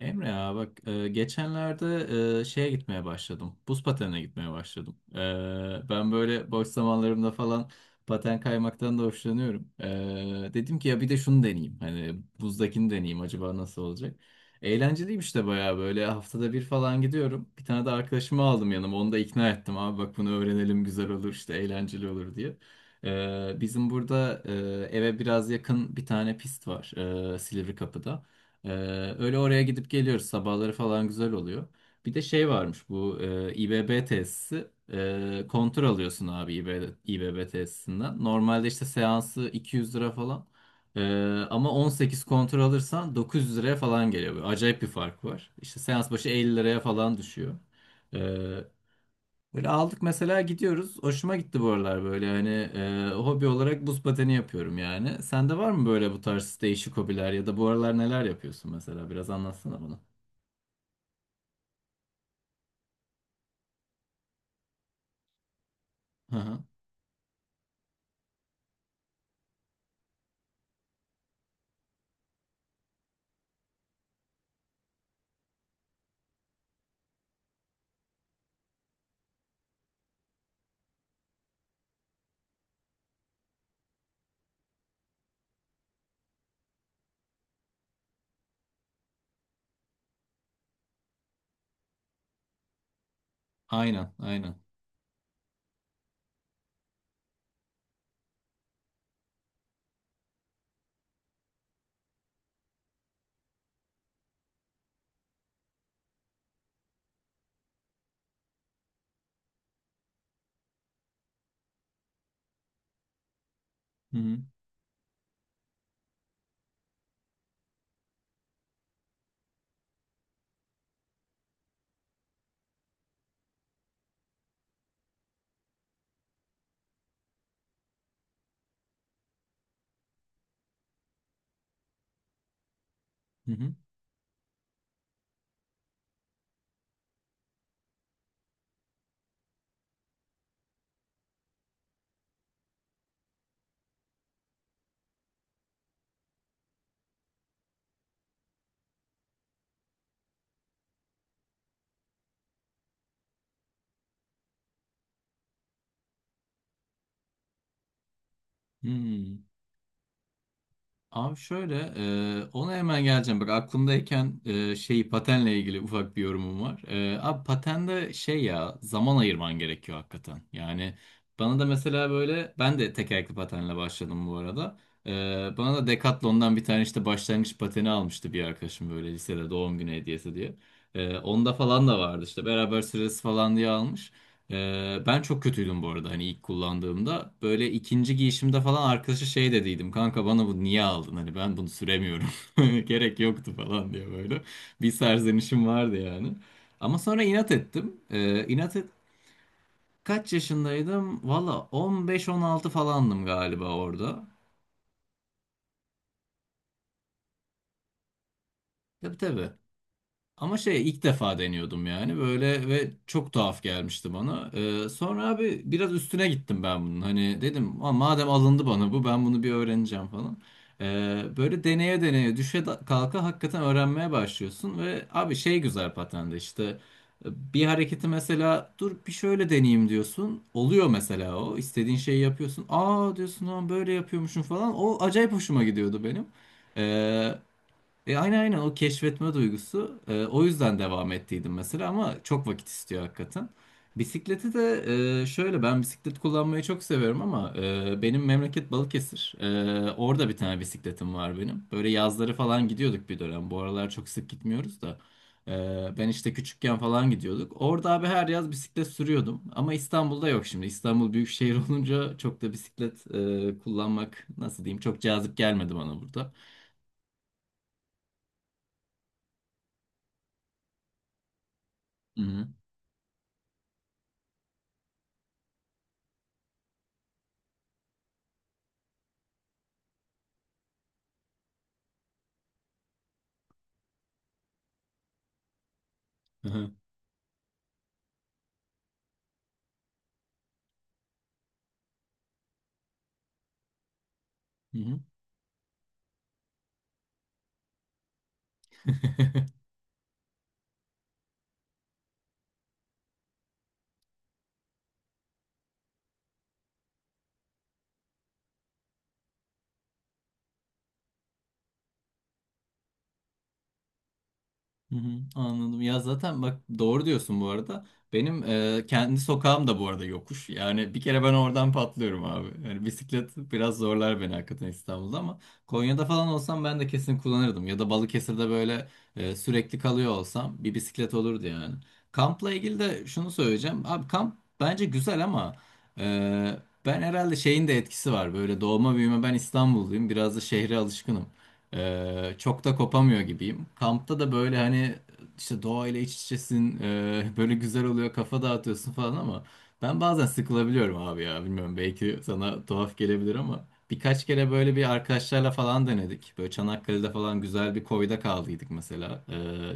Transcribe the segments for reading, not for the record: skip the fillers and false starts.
Emre ya bak, geçenlerde şeye gitmeye başladım. Buz patenine gitmeye başladım. Ben böyle boş zamanlarımda falan paten kaymaktan da hoşlanıyorum. Dedim ki ya bir de şunu deneyeyim. Hani buzdakini deneyeyim, acaba nasıl olacak? Eğlenceliymiş de, bayağı böyle haftada bir falan gidiyorum. Bir tane de arkadaşımı aldım yanıma, onu da ikna ettim. Abi bak bunu öğrenelim, güzel olur işte, eğlenceli olur diye. Bizim burada eve biraz yakın bir tane pist var, Silivri Kapı'da. Ee, Öyle oraya gidip geliyoruz. Sabahları falan güzel oluyor. Bir de şey varmış, bu İBB tesisi. Kontör alıyorsun abi İBB tesisinden. Normalde işte seansı 200 lira falan. E, Ama 18 kontör alırsan 900 liraya falan geliyor. Böyle acayip bir fark var. İşte seans başı 50 liraya falan düşüyor. E, Böyle aldık, mesela gidiyoruz. Hoşuma gitti bu aralar, böyle hani hobi olarak buz pateni yapıyorum yani. Sende var mı böyle bu tarz değişik hobiler, ya da bu aralar neler yapıyorsun mesela? Biraz anlatsana bana. Hı hı. Aynen, aynen. Hı hı. Hı hı. Hı. Abi şöyle, ona hemen geleceğim. Bak aklımdayken şeyi, patenle ilgili ufak bir yorumum var. Abi patende şey ya, zaman ayırman gerekiyor hakikaten. Yani bana da mesela böyle, ben de tekerlekli patenle başladım bu arada. E, Bana da Decathlon'dan bir tane işte başlangıç pateni almıştı bir arkadaşım, böyle lisede doğum günü hediyesi diye. Onda falan da vardı işte, beraber sırası falan diye almış. Ben çok kötüydüm bu arada, hani ilk kullandığımda. Böyle ikinci giyişimde falan arkadaşa şey dediydim. Kanka bana bu niye aldın? Hani ben bunu süremiyorum. Gerek yoktu falan diye böyle. Bir serzenişim vardı yani. Ama sonra inat ettim. İnat et, kaç yaşındaydım? Valla 15-16 falandım galiba orada. Tabii tabii. Ama şey, ilk defa deniyordum yani böyle, ve çok tuhaf gelmişti bana. Sonra abi biraz üstüne gittim ben bunun. Hani dedim "Aa, madem alındı bana bu, ben bunu bir öğreneceğim falan. Böyle deneye deneye, düşe da- kalka hakikaten öğrenmeye başlıyorsun ve abi şey, güzel patende işte e, bir hareketi mesela, dur bir şöyle deneyeyim diyorsun. Oluyor mesela, o istediğin şeyi yapıyorsun. Aa diyorsun, lan böyle yapıyormuşum falan. O acayip hoşuma gidiyordu benim. Ee, aynen aynen, o keşfetme duygusu. O yüzden devam ettiydim mesela, ama çok vakit istiyor hakikaten. Bisikleti de şöyle, ben bisiklet kullanmayı çok seviyorum ama benim memleket Balıkesir. Orada bir tane bisikletim var benim. Böyle yazları falan gidiyorduk bir dönem. Bu aralar çok sık gitmiyoruz da. Ben işte küçükken falan gidiyorduk. Orada abi her yaz bisiklet sürüyordum. Ama İstanbul'da yok şimdi. İstanbul büyük şehir olunca, çok da bisiklet kullanmak, nasıl diyeyim, çok cazip gelmedi bana burada. Hı hı. Hı hı. Hı hı. Hı hı, anladım. Ya zaten bak doğru diyorsun bu arada. Benim kendi sokağım da bu arada yokuş. Yani bir kere ben oradan patlıyorum abi. Yani bisiklet biraz zorlar beni hakikaten İstanbul'da, ama Konya'da falan olsam ben de kesin kullanırdım. Ya da Balıkesir'de böyle sürekli kalıyor olsam, bir bisiklet olurdu yani. Kampla ilgili de şunu söyleyeceğim. Abi kamp bence güzel, ama e, ben herhalde şeyin de etkisi var. Böyle doğma büyüme ben İstanbulluyum. Biraz da şehre alışkınım. Çok da kopamıyor gibiyim. Kampta da böyle hani, işte doğayla iç içesin, böyle güzel oluyor, kafa dağıtıyorsun falan, ama ben bazen sıkılabiliyorum abi ya. Bilmiyorum, belki sana tuhaf gelebilir, ama birkaç kere böyle bir arkadaşlarla falan denedik. Böyle Çanakkale'de falan güzel bir koyda kaldıydık mesela,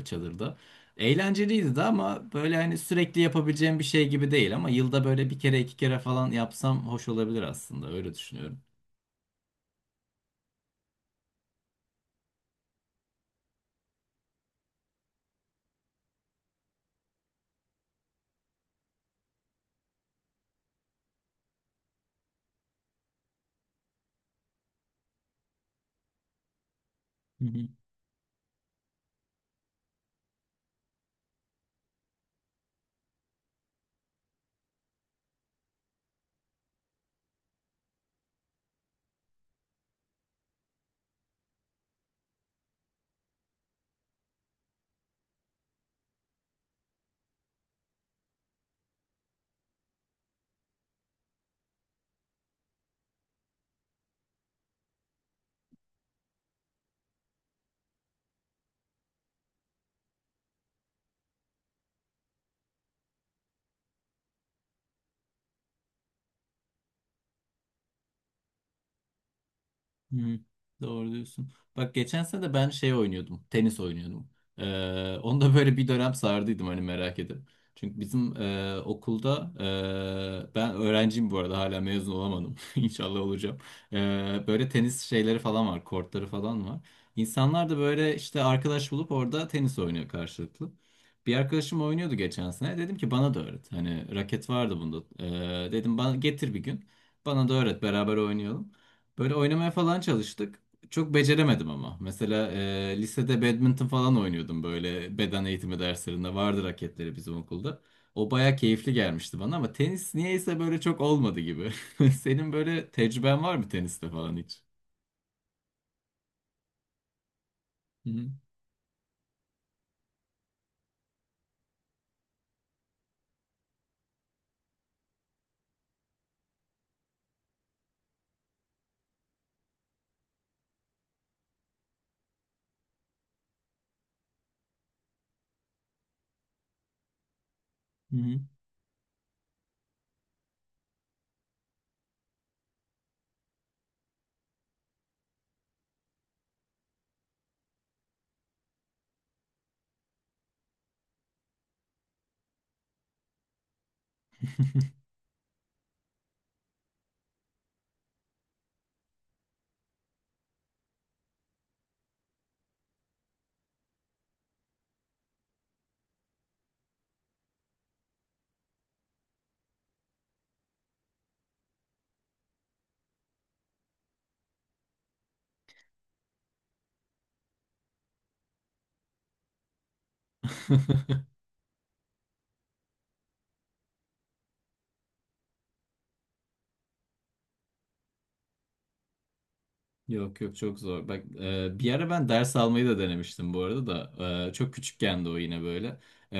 çadırda. Eğlenceliydi de, ama böyle hani sürekli yapabileceğim bir şey gibi değil, ama yılda böyle bir kere iki kere falan yapsam hoş olabilir aslında, öyle düşünüyorum. Hı, doğru diyorsun. Bak geçen sene de ben şey oynuyordum. Tenis oynuyordum. Onu da böyle bir dönem sardıydım, hani merak edip. Çünkü bizim okulda ben öğrenciyim bu arada, hala mezun olamadım. İnşallah olacağım. Böyle tenis şeyleri falan var. Kortları falan var. İnsanlar da böyle işte arkadaş bulup orada tenis oynuyor karşılıklı. Bir arkadaşım oynuyordu geçen sene. Dedim ki bana da öğret. Hani raket vardı bunda. Dedim bana getir bir gün. Bana da öğret, beraber oynayalım. Böyle oynamaya falan çalıştık. Çok beceremedim ama. Mesela lisede badminton falan oynuyordum böyle, beden eğitimi derslerinde. Vardı raketleri bizim okulda. O baya keyifli gelmişti bana, ama tenis niyeyse böyle çok olmadı gibi. Senin böyle tecrüben var mı teniste falan hiç? Hı hı. Hı hı. Yok yok, çok zor. Bak bir ara ben ders almayı da denemiştim bu arada da. Çok küçükken de o yine böyle. E,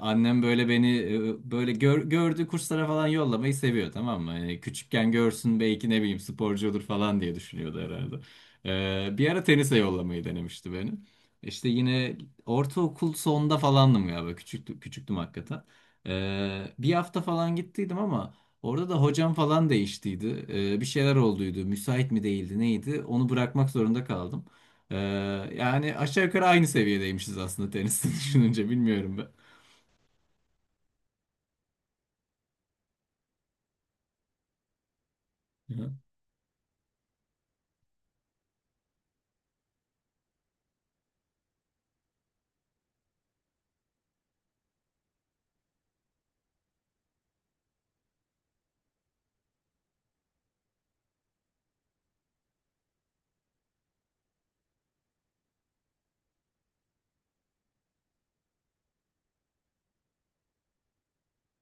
Annem böyle beni böyle gördüğü kurslara falan yollamayı seviyor tamam mı? Hani küçükken görsün, belki ne bileyim sporcu olur falan diye düşünüyordu herhalde. Bir ara tenise yollamayı denemişti beni. İşte yine ortaokul sonunda falandım galiba. Küçüktüm, küçüktüm hakikaten. Bir hafta falan gittiydim ama orada da hocam falan değiştiydi. Bir şeyler olduydu. Müsait mi değildi neydi? Onu bırakmak zorunda kaldım. Ee, Yani aşağı yukarı aynı seviyedeymişiz aslında teniste, düşününce bilmiyorum ben. Hı.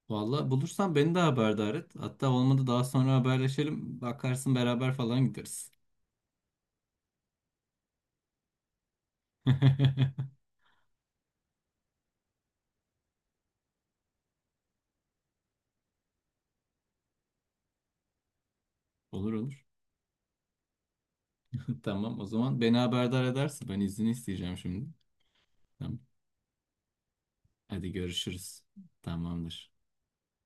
Vallahi bulursan beni de haberdar et. Hatta olmadı daha sonra haberleşelim. Bakarsın beraber falan gideriz. Olur olur. Tamam o zaman, beni haberdar edersin. Ben izni isteyeceğim şimdi. Tamam. Hadi görüşürüz. Tamamdır.